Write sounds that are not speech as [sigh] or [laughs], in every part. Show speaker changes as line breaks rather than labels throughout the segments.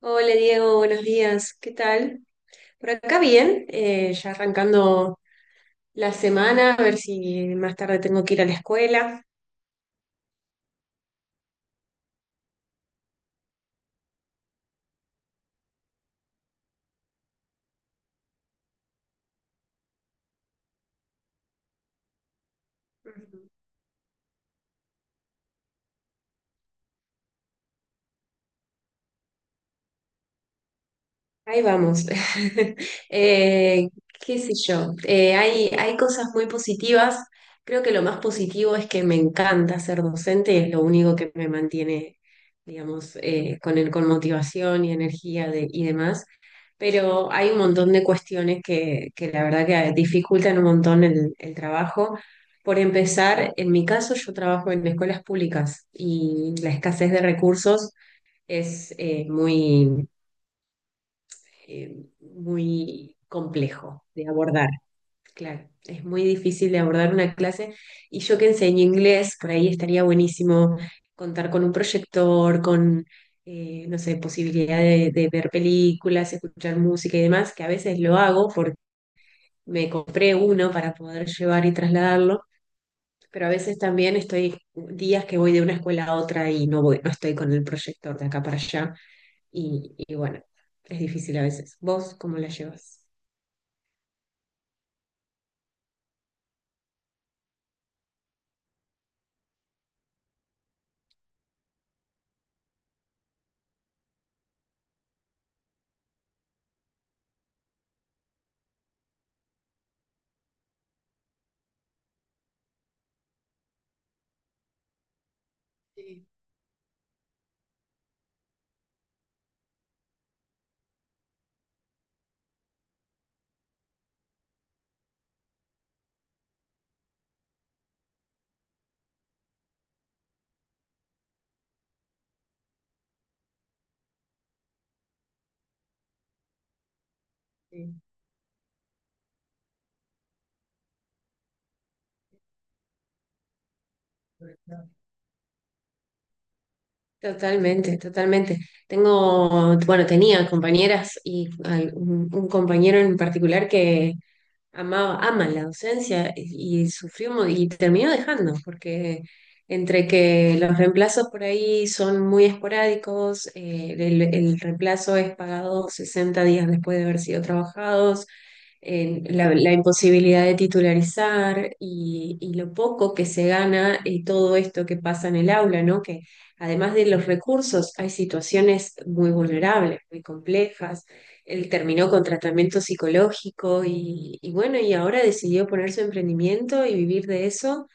Hola Diego, buenos días. ¿Qué tal? Por acá bien, ya arrancando la semana, a ver si más tarde tengo que ir a la escuela. Ujú. Ahí vamos. [laughs] Eh, qué sé yo. Hay cosas muy positivas. Creo que lo más positivo es que me encanta ser docente, es lo único que me mantiene, digamos, con motivación y y demás. Pero hay un montón de cuestiones que la verdad que dificultan un montón el trabajo. Por empezar, en mi caso yo trabajo en escuelas públicas y la escasez de recursos es muy muy complejo de abordar. Claro, es muy difícil de abordar una clase y yo que enseño inglés, por ahí estaría buenísimo contar con un proyector, con, no sé, posibilidad ver películas, escuchar música y demás, que a veces lo hago porque me compré uno para poder llevar y trasladarlo, pero a veces también estoy días que voy de una escuela a otra y no, voy, no estoy con el proyector de acá para allá y bueno, es difícil a veces. ¿Vos cómo la llevas? Totalmente, totalmente. Tengo, bueno, tenía compañeras y un compañero en particular que amaba, ama la docencia y y terminó dejando, porque entre que los reemplazos por ahí son muy esporádicos, el reemplazo es pagado 60 días después de haber sido trabajados, la imposibilidad de titularizar y lo poco que se gana y todo esto que pasa en el aula, ¿no? Que además de los recursos, hay situaciones muy vulnerables, muy complejas. Él terminó con tratamiento psicológico y bueno, y ahora decidió poner su emprendimiento y vivir de eso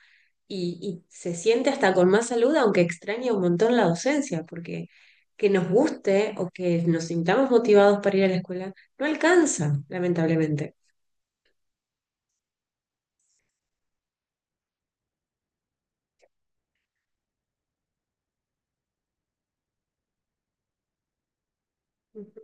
y se siente hasta con más salud, aunque extraña un montón la docencia, porque que nos guste o que nos sintamos motivados para ir a la escuela no alcanza, lamentablemente. Ujú.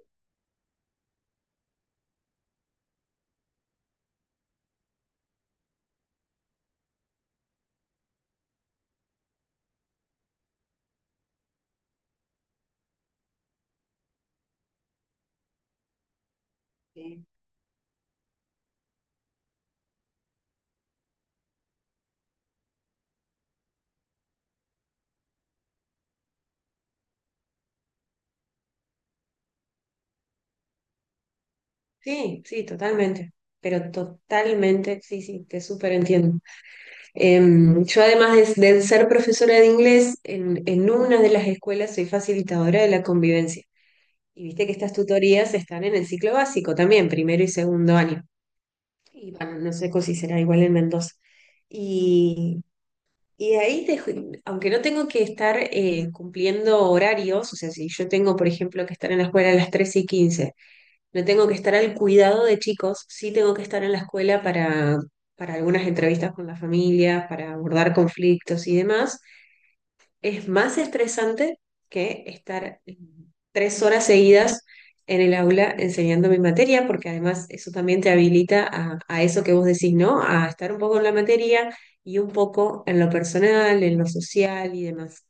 Sí. Sí, sí, totalmente. Pero totalmente, sí, sí, te súper entiendo. Yo además de ser profesora de inglés, en una de las escuelas soy facilitadora de la convivencia. Y viste que estas tutorías están en el ciclo básico también, primero y segundo año. Y bueno, no sé si será igual en Mendoza. Y, y ahí, te- aunque no tengo que estar cumpliendo horarios, o sea, si yo tengo, por ejemplo, que estar en la escuela a las 13 y quince no tengo que estar al cuidado de chicos, sí tengo que estar en la escuela para algunas entrevistas con las familias para abordar conflictos y demás es más estresante que estar tres horas seguidas en el aula enseñando mi materia, porque además eso también te habilita a eso que vos decís, ¿no? A estar un poco en la materia y un poco en lo personal, en lo social y demás.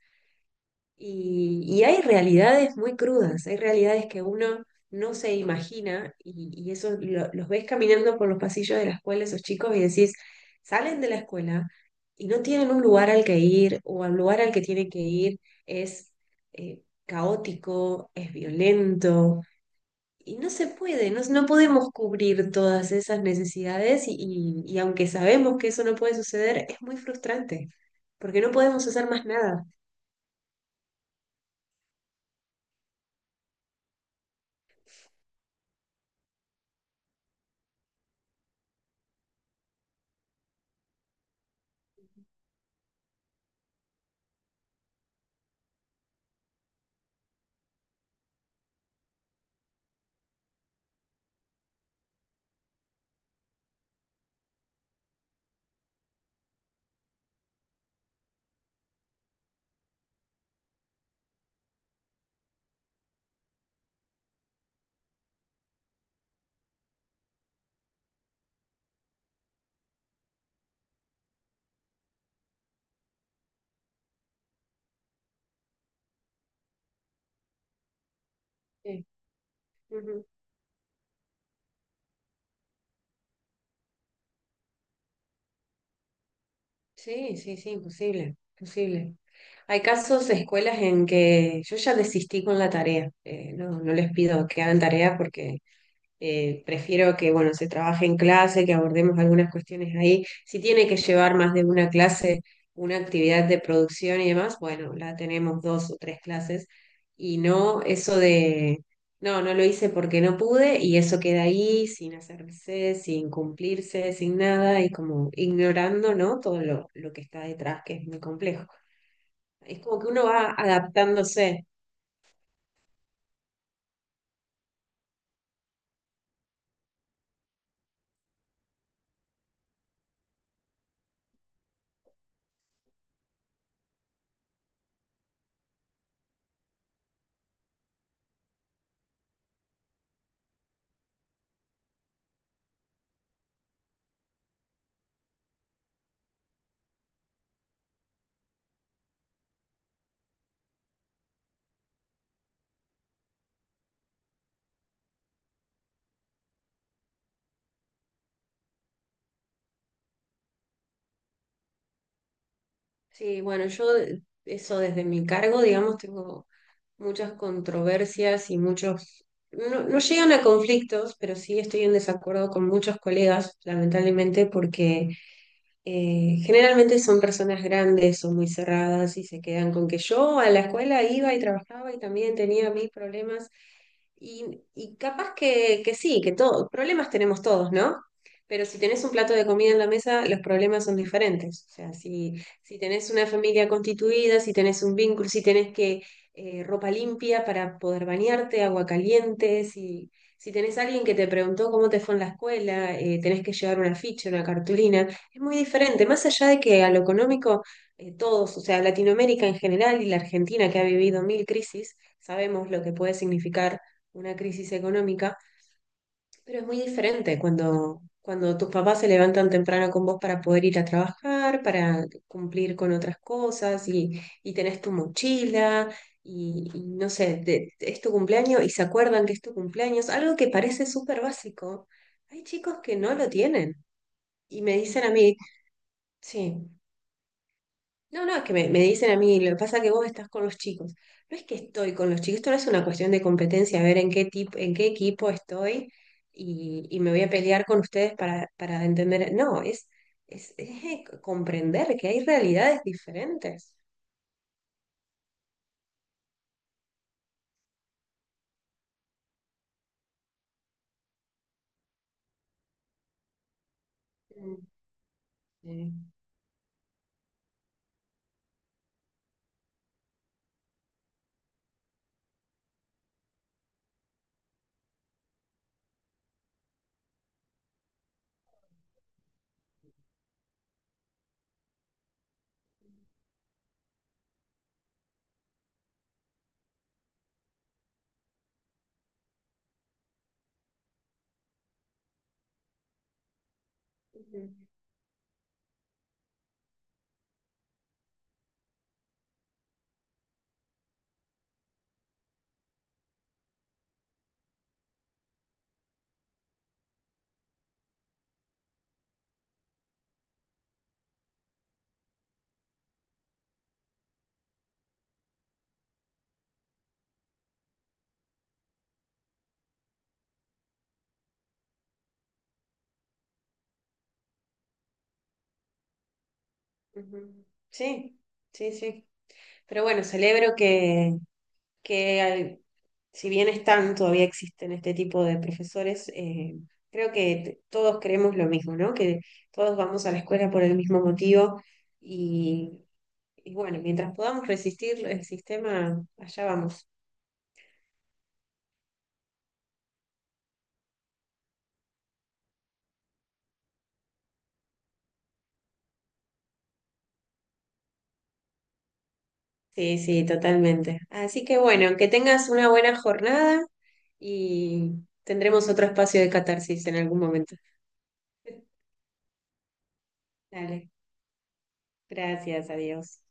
Y hay realidades muy crudas, hay realidades que uno no se imagina y eso los ves caminando por los pasillos de la escuela, esos chicos, y decís, salen de la escuela y no tienen un lugar al que ir o al lugar al que tienen que ir es caótico, es violento y no se puede, no, no podemos cubrir todas esas necesidades y aunque sabemos que eso no puede suceder, es muy frustrante porque no podemos hacer más nada. Sí. Sí, sí, sí, posible, posible. Hay casos de escuelas en que yo ya desistí con la tarea. No, no les pido que hagan tarea porque prefiero que, bueno, se trabaje en clase, que abordemos algunas cuestiones ahí. Si tiene que llevar más de una clase, una actividad de producción y demás, bueno, la tenemos dos o tres clases y no eso de, no, no lo hice porque no pude y eso queda ahí sin hacerse, sin cumplirse, sin nada y como ignorando, ¿no? Todo lo que está detrás, que es muy complejo. Es como que uno va adaptándose. Sí, bueno, yo eso desde mi cargo, digamos, tengo muchas controversias y muchos, no, no llegan a conflictos, pero sí estoy en desacuerdo con muchos colegas, lamentablemente, porque generalmente son personas grandes, son muy cerradas y se quedan con que yo a la escuela iba y trabajaba y también tenía mis problemas. Y, y capaz que sí, que todos, problemas tenemos todos, ¿no? Pero si tenés un plato de comida en la mesa, los problemas son diferentes. O sea, si, si tenés una familia constituida, si tenés un vínculo, si tenés que ropa limpia para poder bañarte, agua caliente, si, si tenés alguien que te preguntó cómo te fue en la escuela, tenés que llevar una ficha, una cartulina. Es muy diferente, más allá de que a lo económico, todos, o sea, Latinoamérica en general y la Argentina que ha vivido mil crisis, sabemos lo que puede significar una crisis económica, pero es muy diferente cuando, cuando tus papás se levantan temprano con vos para poder ir a trabajar, para cumplir con otras cosas y tenés tu mochila. Y no sé, es tu cumpleaños y se acuerdan que es tu cumpleaños, algo que parece súper básico. Hay chicos que no lo tienen y me dicen a mí, sí. No, no, es que me dicen a mí, lo que pasa es que vos estás con los chicos. No es que estoy con los chicos, esto no es una cuestión de competencia, a ver en qué tipo, en qué equipo estoy y me voy a pelear con ustedes para entender. No, es, comprender que hay realidades diferentes. Mm, sí, ujú, ujú. Sí, sí. Sí. Pero bueno, celebro que al- si bien están, todavía existen este tipo de profesores, creo que todos creemos lo mismo, ¿no? Que todos vamos a la escuela por el mismo motivo y, y bueno, mientras podamos resistir el sistema, allá vamos. Sí, sí, totalmente. Así que bueno, que tengas una buena jornada y tendremos otro espacio de catarsis en algún momento. [laughs] Dale, gracias, adiós.